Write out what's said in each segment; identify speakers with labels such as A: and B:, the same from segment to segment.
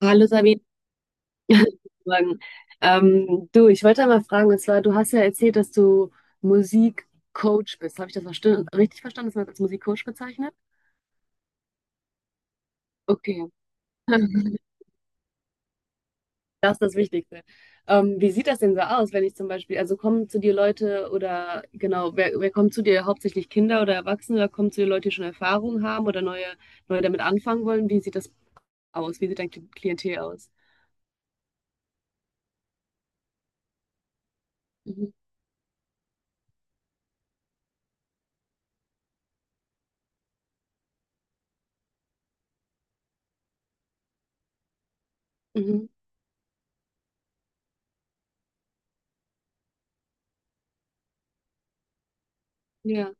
A: Hallo Sabine. Guten Morgen. Du, ich wollte mal fragen, und zwar, du hast ja erzählt, dass du Musikcoach bist. Habe ich das richtig verstanden, dass man das als Musikcoach bezeichnet? Okay, das ist das Wichtigste. Wie sieht das denn so aus, wenn ich zum Beispiel, also kommen zu dir Leute oder genau, wer kommt zu dir? Hauptsächlich Kinder oder Erwachsene oder kommen zu dir Leute, die schon Erfahrung haben oder neue damit anfangen wollen? Wie sieht das aus? Wie sieht dein Klientel aus? Mhm. Mhm. Ja,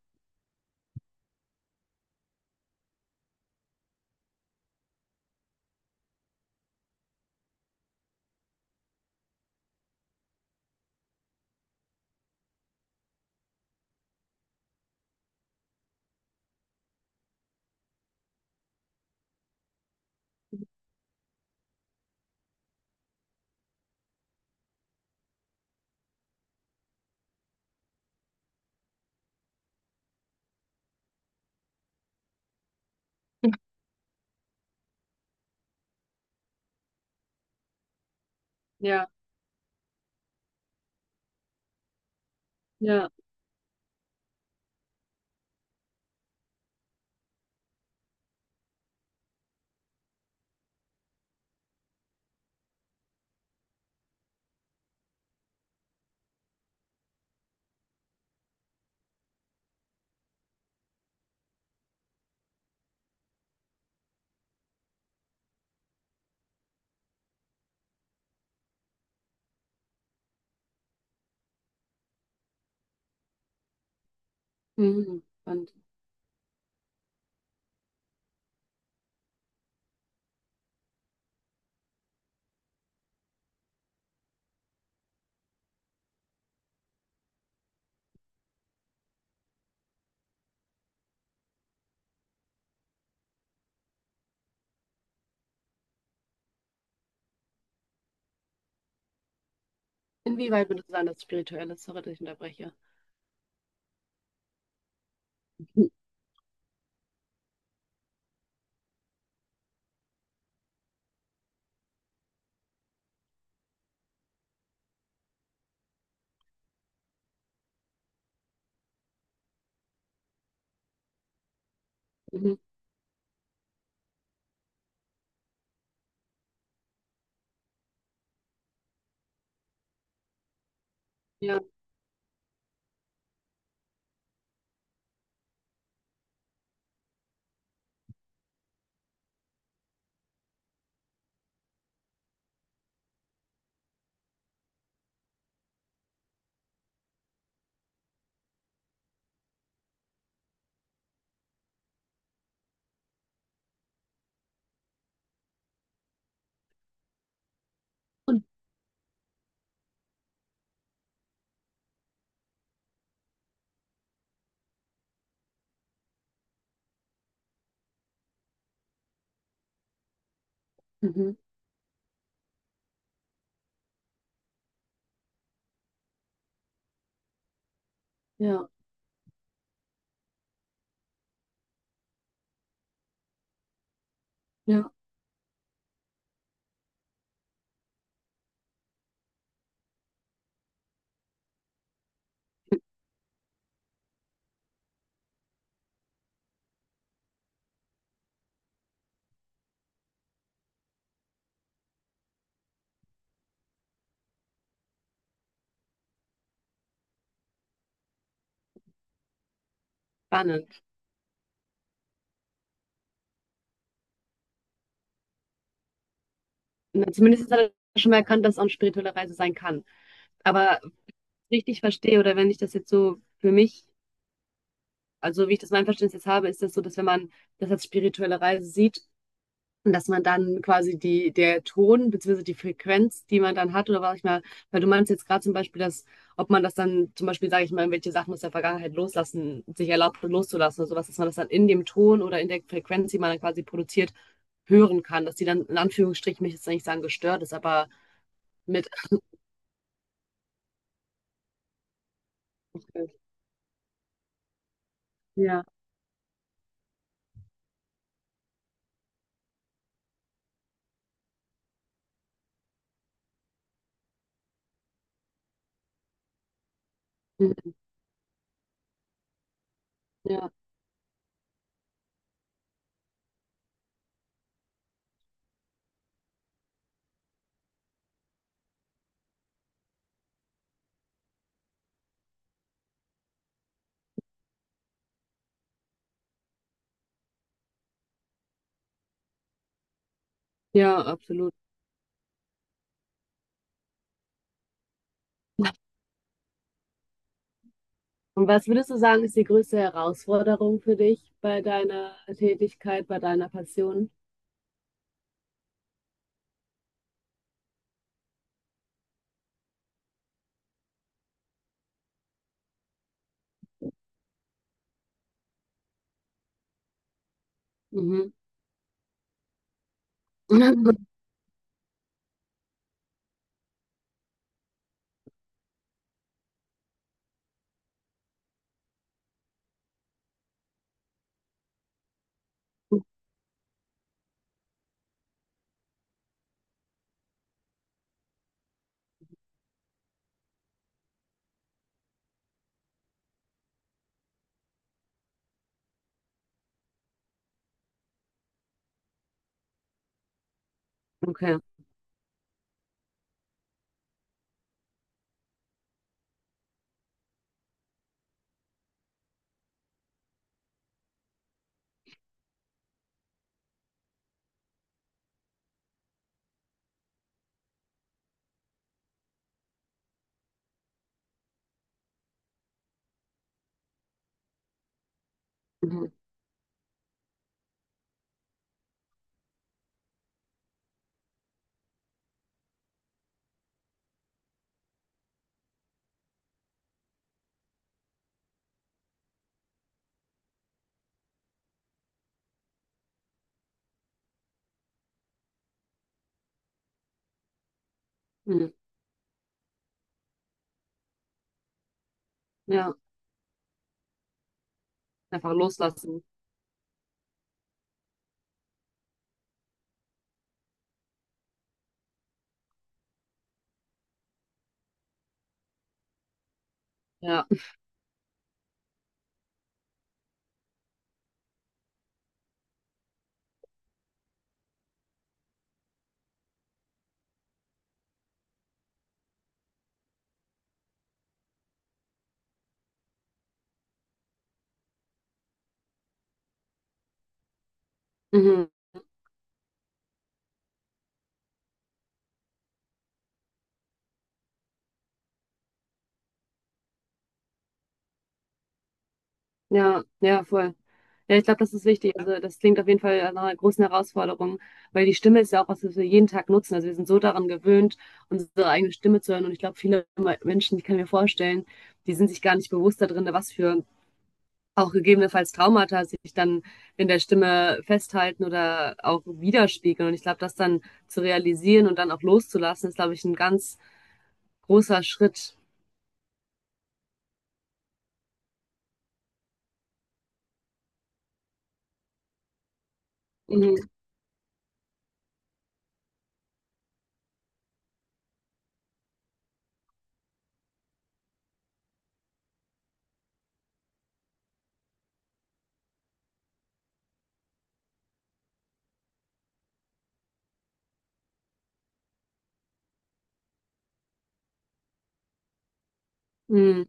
A: ja, ja. Mhm. Spannend. Inwieweit würde es sein, dass es spirituell ist? Sorry, dass ich unterbreche. Mhm. Ja. Und mhm. Ja. Ja. Spannend. Na, zumindest hat er schon mal erkannt, dass es auch eine spirituelle Reise sein kann. Aber richtig verstehe, oder wenn ich das jetzt so für mich, also wie ich das mein Verständnis jetzt habe, ist das so, dass wenn man das als spirituelle Reise sieht. Und dass man dann quasi die, der Ton beziehungsweise die Frequenz, die man dann hat, oder was ich mal, weil du meinst jetzt gerade zum Beispiel, dass, ob man das dann zum Beispiel, sage ich mal, welche Sachen aus der Vergangenheit loslassen, sich erlaubt loszulassen oder sowas, dass man das dann in dem Ton oder in der Frequenz, die man dann quasi produziert, hören kann, dass die dann in Anführungsstrichen, mich jetzt nicht sagen gestört ist, aber mit. Ja, mhm, ja, ja, absolut. Und was würdest du sagen, ist die größte Herausforderung für dich bei deiner Tätigkeit, bei deiner Passion? Mhm. Okay. Mhm. Mhm. Ja, einfach loslassen. Ja. Mhm. Ja, ja, voll. Ja, ich glaube, das ist wichtig. Also das klingt auf jeden Fall nach einer großen Herausforderung, weil die Stimme ist ja auch was, was wir jeden Tag nutzen. Also wir sind so daran gewöhnt, unsere eigene Stimme zu hören. Und ich glaube, viele Menschen, ich kann mir vorstellen, die sind sich gar nicht bewusst darin, was für auch gegebenenfalls Traumata sich dann in der Stimme festhalten oder auch widerspiegeln. Und ich glaube, das dann zu realisieren und dann auch loszulassen, ist, glaube ich, ein ganz großer Schritt. Mhm. Mhm.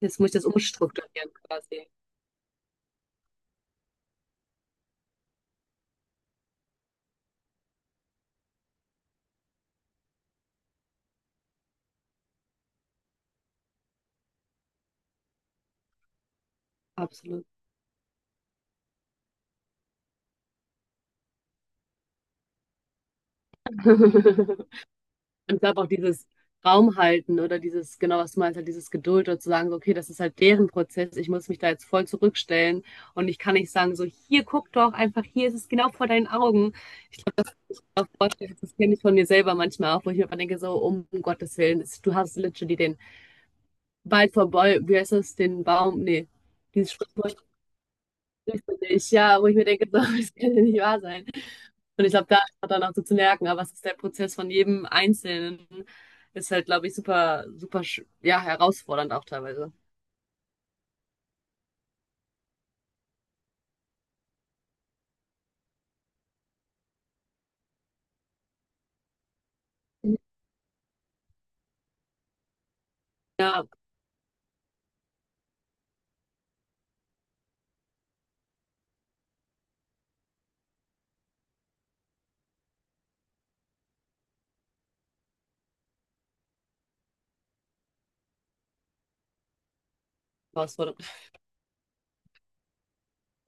A: Jetzt muss ich das umstrukturieren quasi. Absolut. Und ich glaube auch dieses Raum halten oder dieses, genau was du meinst, halt dieses Geduld oder zu sagen, so, okay, das ist halt deren Prozess, ich muss mich da jetzt voll zurückstellen und ich kann nicht sagen, so, hier guck doch einfach, hier ist es genau vor deinen Augen. Auch vorstellen, das kenne ich von mir selber manchmal auch, wo ich mir immer denke, so, um Gottes Willen, du hast literally den wie heißt das, den Baum, nee, dieses Sprichwort, ja, wo ich mir denke, so, das kann ja nicht wahr sein. Und ich glaube, da ist man dann auch so zu merken, aber es ist der Prozess von jedem Einzelnen, ist halt, glaube ich, super, super, ja, herausfordernd auch teilweise. Ja, herausfordernd.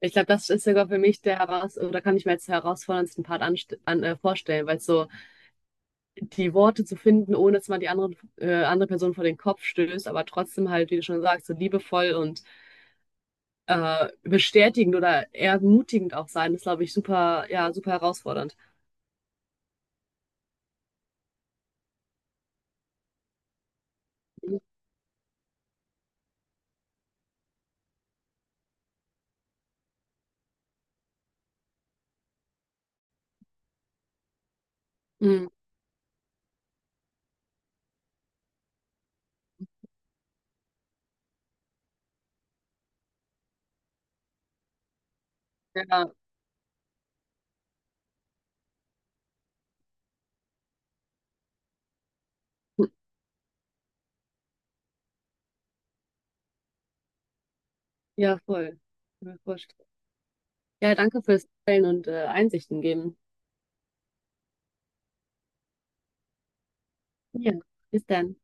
A: Ich glaube, das ist sogar für mich der heraus, oder kann ich mir jetzt den herausforderndsten Part vorstellen, weil so die Worte zu finden, ohne dass man die andere Person vor den Kopf stößt, aber trotzdem halt, wie du schon sagst, so liebevoll und bestätigend oder ermutigend auch sein, ist, glaube ich, super, ja, super herausfordernd. Mhm. Ja, ja, voll. Kann ich mir vorstellen. Ja, danke fürs Teilen und Einsichten geben. Ja, bis dann.